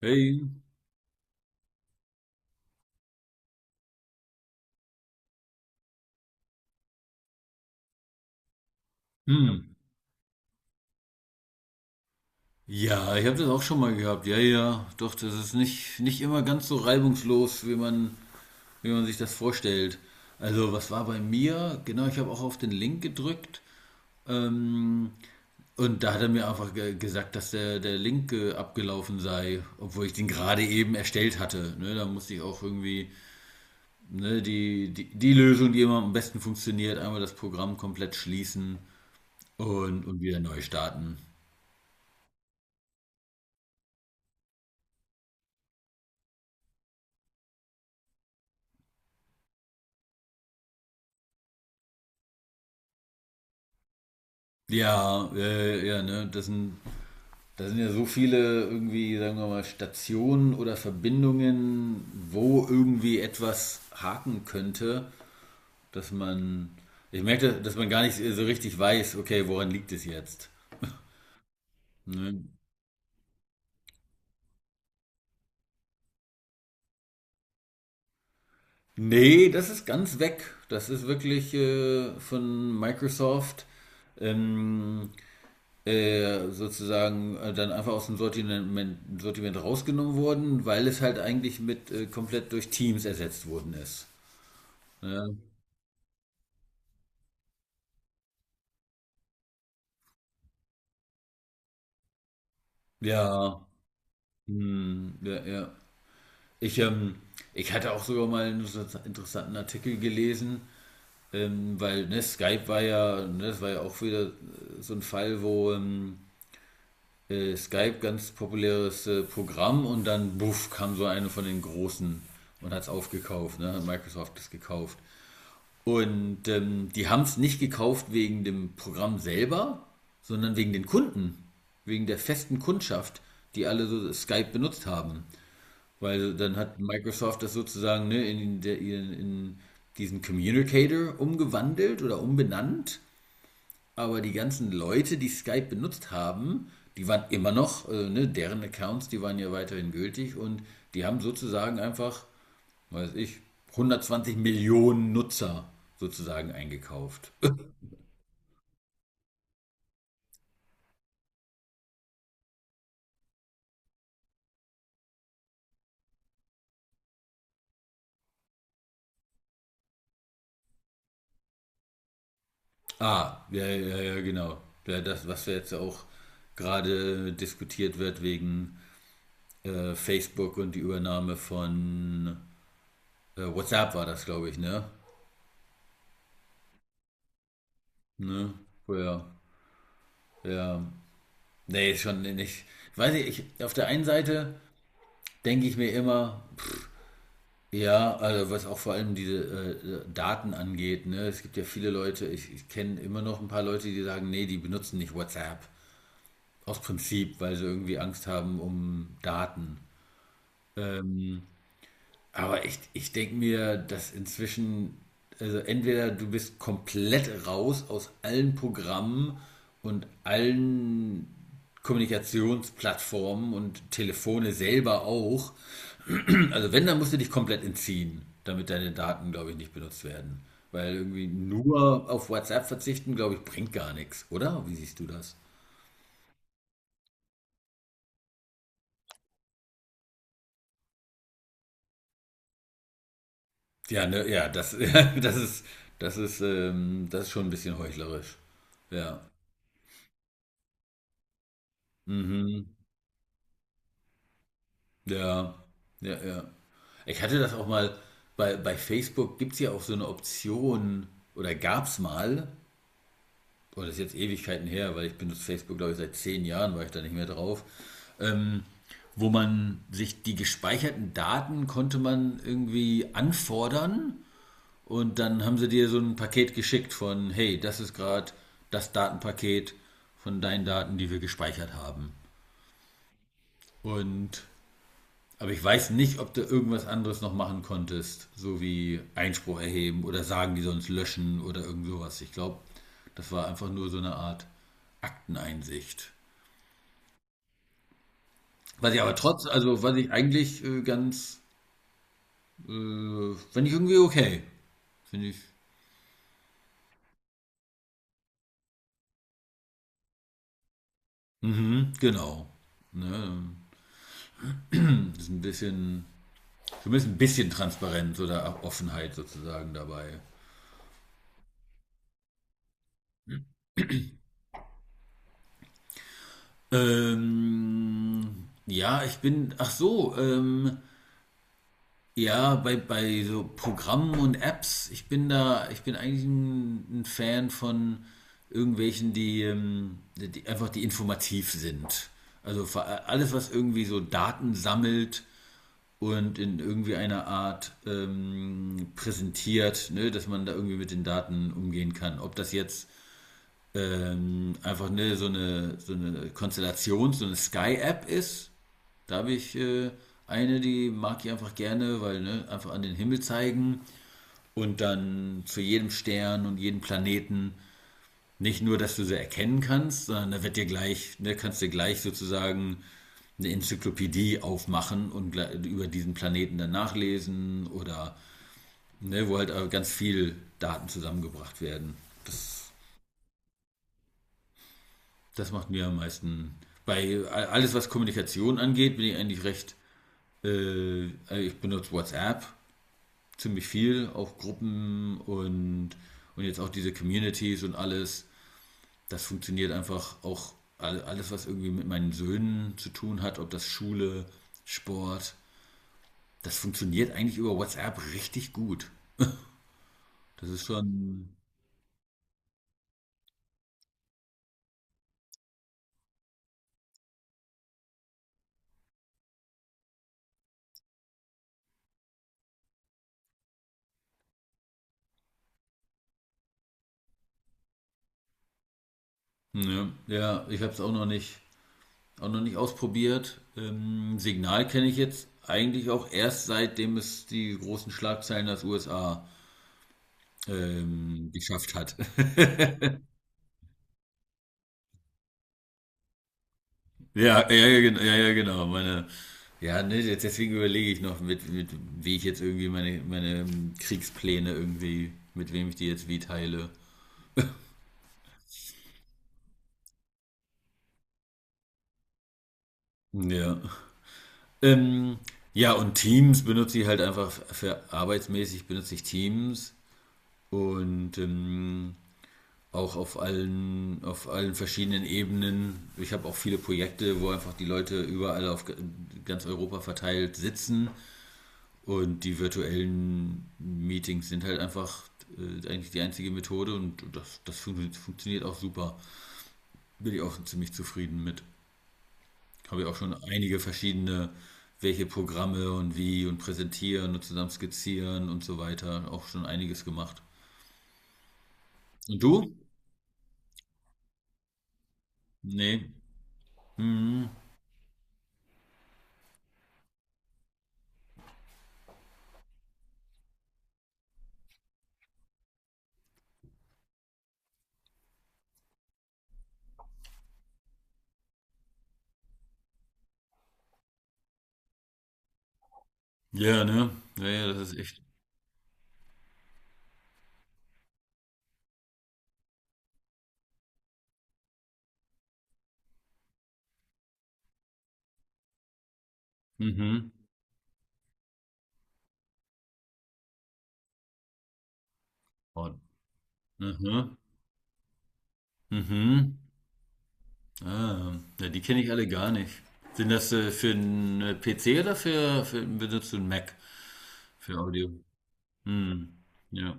Hey. Hm. Ja, ich habe das auch schon mal gehabt. Ja, ja, doch, das ist nicht immer ganz so reibungslos, wie wie man sich das vorstellt. Also, was war bei mir? Genau, ich habe auch auf den Link gedrückt. Ähm, und da hat er mir einfach ge gesagt, dass der Link abgelaufen sei, obwohl ich den gerade eben erstellt hatte. Ne, da musste ich auch irgendwie ne, die Lösung, die immer am besten funktioniert, einmal das Programm komplett schließen und, wieder neu starten. Ja, ja, ne, das sind ja so viele irgendwie, sagen wir mal, Stationen oder Verbindungen, wo irgendwie etwas haken könnte, dass man, ich merke, dass man gar nicht so richtig weiß, okay, woran liegt es jetzt? Ne? Nee, das ist ganz weg. Das ist wirklich von Microsoft. Ähm, sozusagen dann einfach aus dem Sortiment rausgenommen wurden, weil es halt eigentlich mit komplett durch Teams ersetzt worden ist. Ne? Ja, hm, ja, ja. Ich, ähm, ich hatte auch sogar mal einen interessanten Artikel gelesen, weil ne, Skype war ja, ne, das war ja auch wieder so ein Fall, wo Skype ganz populäres Programm, und dann buff kam so eine von den großen und hat es aufgekauft, ne, hat Microsoft das gekauft. Und die haben es nicht gekauft wegen dem Programm selber, sondern wegen den Kunden, wegen der festen Kundschaft, die alle so Skype benutzt haben. Weil dann hat Microsoft das sozusagen ne, in diesen Communicator umgewandelt oder umbenannt. Aber die ganzen Leute, die Skype benutzt haben, die waren immer noch, ne, deren Accounts, die waren ja weiterhin gültig, und die haben sozusagen einfach weiß ich, 120 Millionen Nutzer sozusagen eingekauft. Ah, ja, ja, ja, genau. Ja, das, was jetzt auch gerade diskutiert wird wegen Facebook und die Übernahme von WhatsApp war das, glaube ich, ne? Ne? Oh, ja, ja. Nee, schon nicht. Weiß ich, auf der einen Seite denke ich mir immer, ja, also was auch vor allem diese Daten angeht, ne? Es gibt ja viele Leute, ich kenne immer noch ein paar Leute, die sagen, nee, die benutzen nicht WhatsApp. Aus Prinzip, weil sie irgendwie Angst haben um Daten. Ähm, aber ich denke mir, dass inzwischen, also entweder du bist komplett raus aus allen Programmen und allen Kommunikationsplattformen und Telefone selber auch. Also wenn, dann musst du dich komplett entziehen, damit deine Daten, glaube ich, nicht benutzt werden. Weil irgendwie nur auf WhatsApp verzichten, glaube ich, bringt gar nichts, oder? Wie siehst du das? Ja, ne, ja, ja, das ist schon ein bisschen heuchlerisch. Ja. Mhm. Ja. Ja, ja. Ich hatte das auch mal, bei Facebook gibt es ja auch so eine Option, oder gab es mal, oh, das ist jetzt Ewigkeiten her, weil ich benutze Facebook, glaube ich, seit zehn Jahren war ich da nicht mehr drauf, ähm, wo man sich die gespeicherten Daten konnte man irgendwie anfordern, und dann haben sie dir so ein Paket geschickt von, hey, das ist gerade das Datenpaket von deinen Daten, die wir gespeichert haben. Und aber ich weiß nicht, ob du irgendwas anderes noch machen konntest, so wie Einspruch erheben oder sagen, die sonst löschen oder irgend sowas. Ich glaube, das war einfach nur so eine Art Akteneinsicht. Was ich aber trotz, also was ich eigentlich ganz, finde ich irgendwie okay. Finde ich, mhm, genau. Ne? Das ist ein bisschen, zumindest ein bisschen Transparenz oder Offenheit sozusagen dabei. Ja, ich bin, ach so, Ja, bei so Programmen und Apps, ich bin eigentlich ein Fan von irgendwelchen, die informativ sind. Also alles, was irgendwie so Daten sammelt und in irgendwie einer Art präsentiert, ne, dass man da irgendwie mit den Daten umgehen kann. Ob das jetzt einfach ne, so eine Konstellation, so eine Sky-App ist, da habe ich eine, die mag ich einfach gerne, weil ne, einfach an den Himmel zeigen und dann zu jedem Stern und jedem Planeten, nicht nur, dass du sie erkennen kannst, sondern da wird dir gleich, ne, kannst dir gleich sozusagen eine Enzyklopädie aufmachen und über diesen Planeten dann nachlesen oder ne, wo halt ganz viel Daten zusammengebracht werden. Das macht mir am meisten. Bei alles, was Kommunikation angeht, bin ich eigentlich recht. Äh, ich benutze WhatsApp ziemlich viel, auch Gruppen und, jetzt auch diese Communities und alles. Das funktioniert einfach auch alles, was irgendwie mit meinen Söhnen zu tun hat, ob das Schule, Sport, das funktioniert eigentlich über WhatsApp richtig gut. Das ist schon, ja, ja ich habe es auch noch nicht ausprobiert. Signal kenne ich jetzt eigentlich auch erst, seitdem es die großen Schlagzeilen aus USA geschafft hat. Ja, ja, ja, ja, ja, genau. Ja, ne, deswegen überlege ich noch, wie ich jetzt irgendwie meine Kriegspläne irgendwie, mit wem ich die jetzt wie teile. Ja. Ähm, ja, und Teams benutze ich halt einfach für arbeitsmäßig benutze ich Teams und auch auf allen verschiedenen Ebenen. Ich habe auch viele Projekte, wo einfach die Leute überall auf ganz Europa verteilt sitzen. Und die virtuellen Meetings sind halt einfach eigentlich die einzige Methode, und das funktioniert auch super. Bin ich auch ziemlich zufrieden mit. Habe ich auch schon einige verschiedene, welche Programme und wie und präsentieren und zusammen skizzieren und so weiter, auch schon einiges gemacht. Und du? Nee. Mhm. Ja, ne? Ja, ja, das ist echt. Mhm. Und, mhm. Mhm. Ah, ja, die kenne ich alle gar nicht. Sind das für einen PC oder für benutzt du einen Mac für Audio? Hm, ja,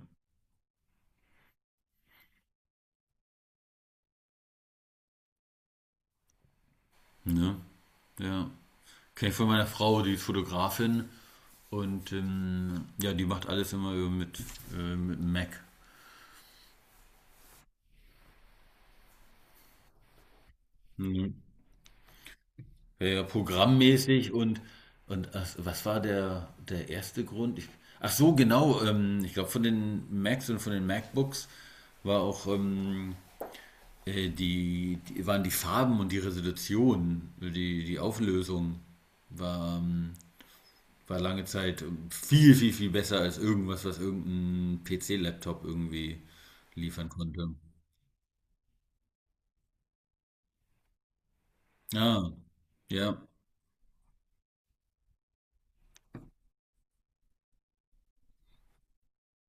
ne, ja. Kenne ich von meiner Frau, die ist Fotografin, und ja, die macht alles immer mit dem Mac. Mhm. Ja, ja, ja, programmmäßig, ach, was war der erste Grund? Ach so, genau. Ich glaube, von den Macs und von den MacBooks war auch die waren die Farben und die Resolution, die Auflösung war, war lange Zeit viel besser als irgendwas, was irgendein PC-Laptop irgendwie liefern konnte. Ah, ja.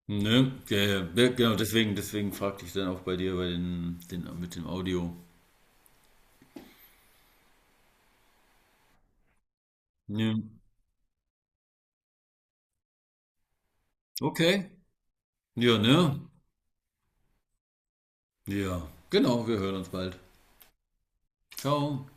Ne, ja, ja, ja, genau, deswegen fragte ich dann auch bei dir bei den mit dem Audio. Ne. Okay. Ja, ne? Ja. Genau, wir hören uns bald. Ciao.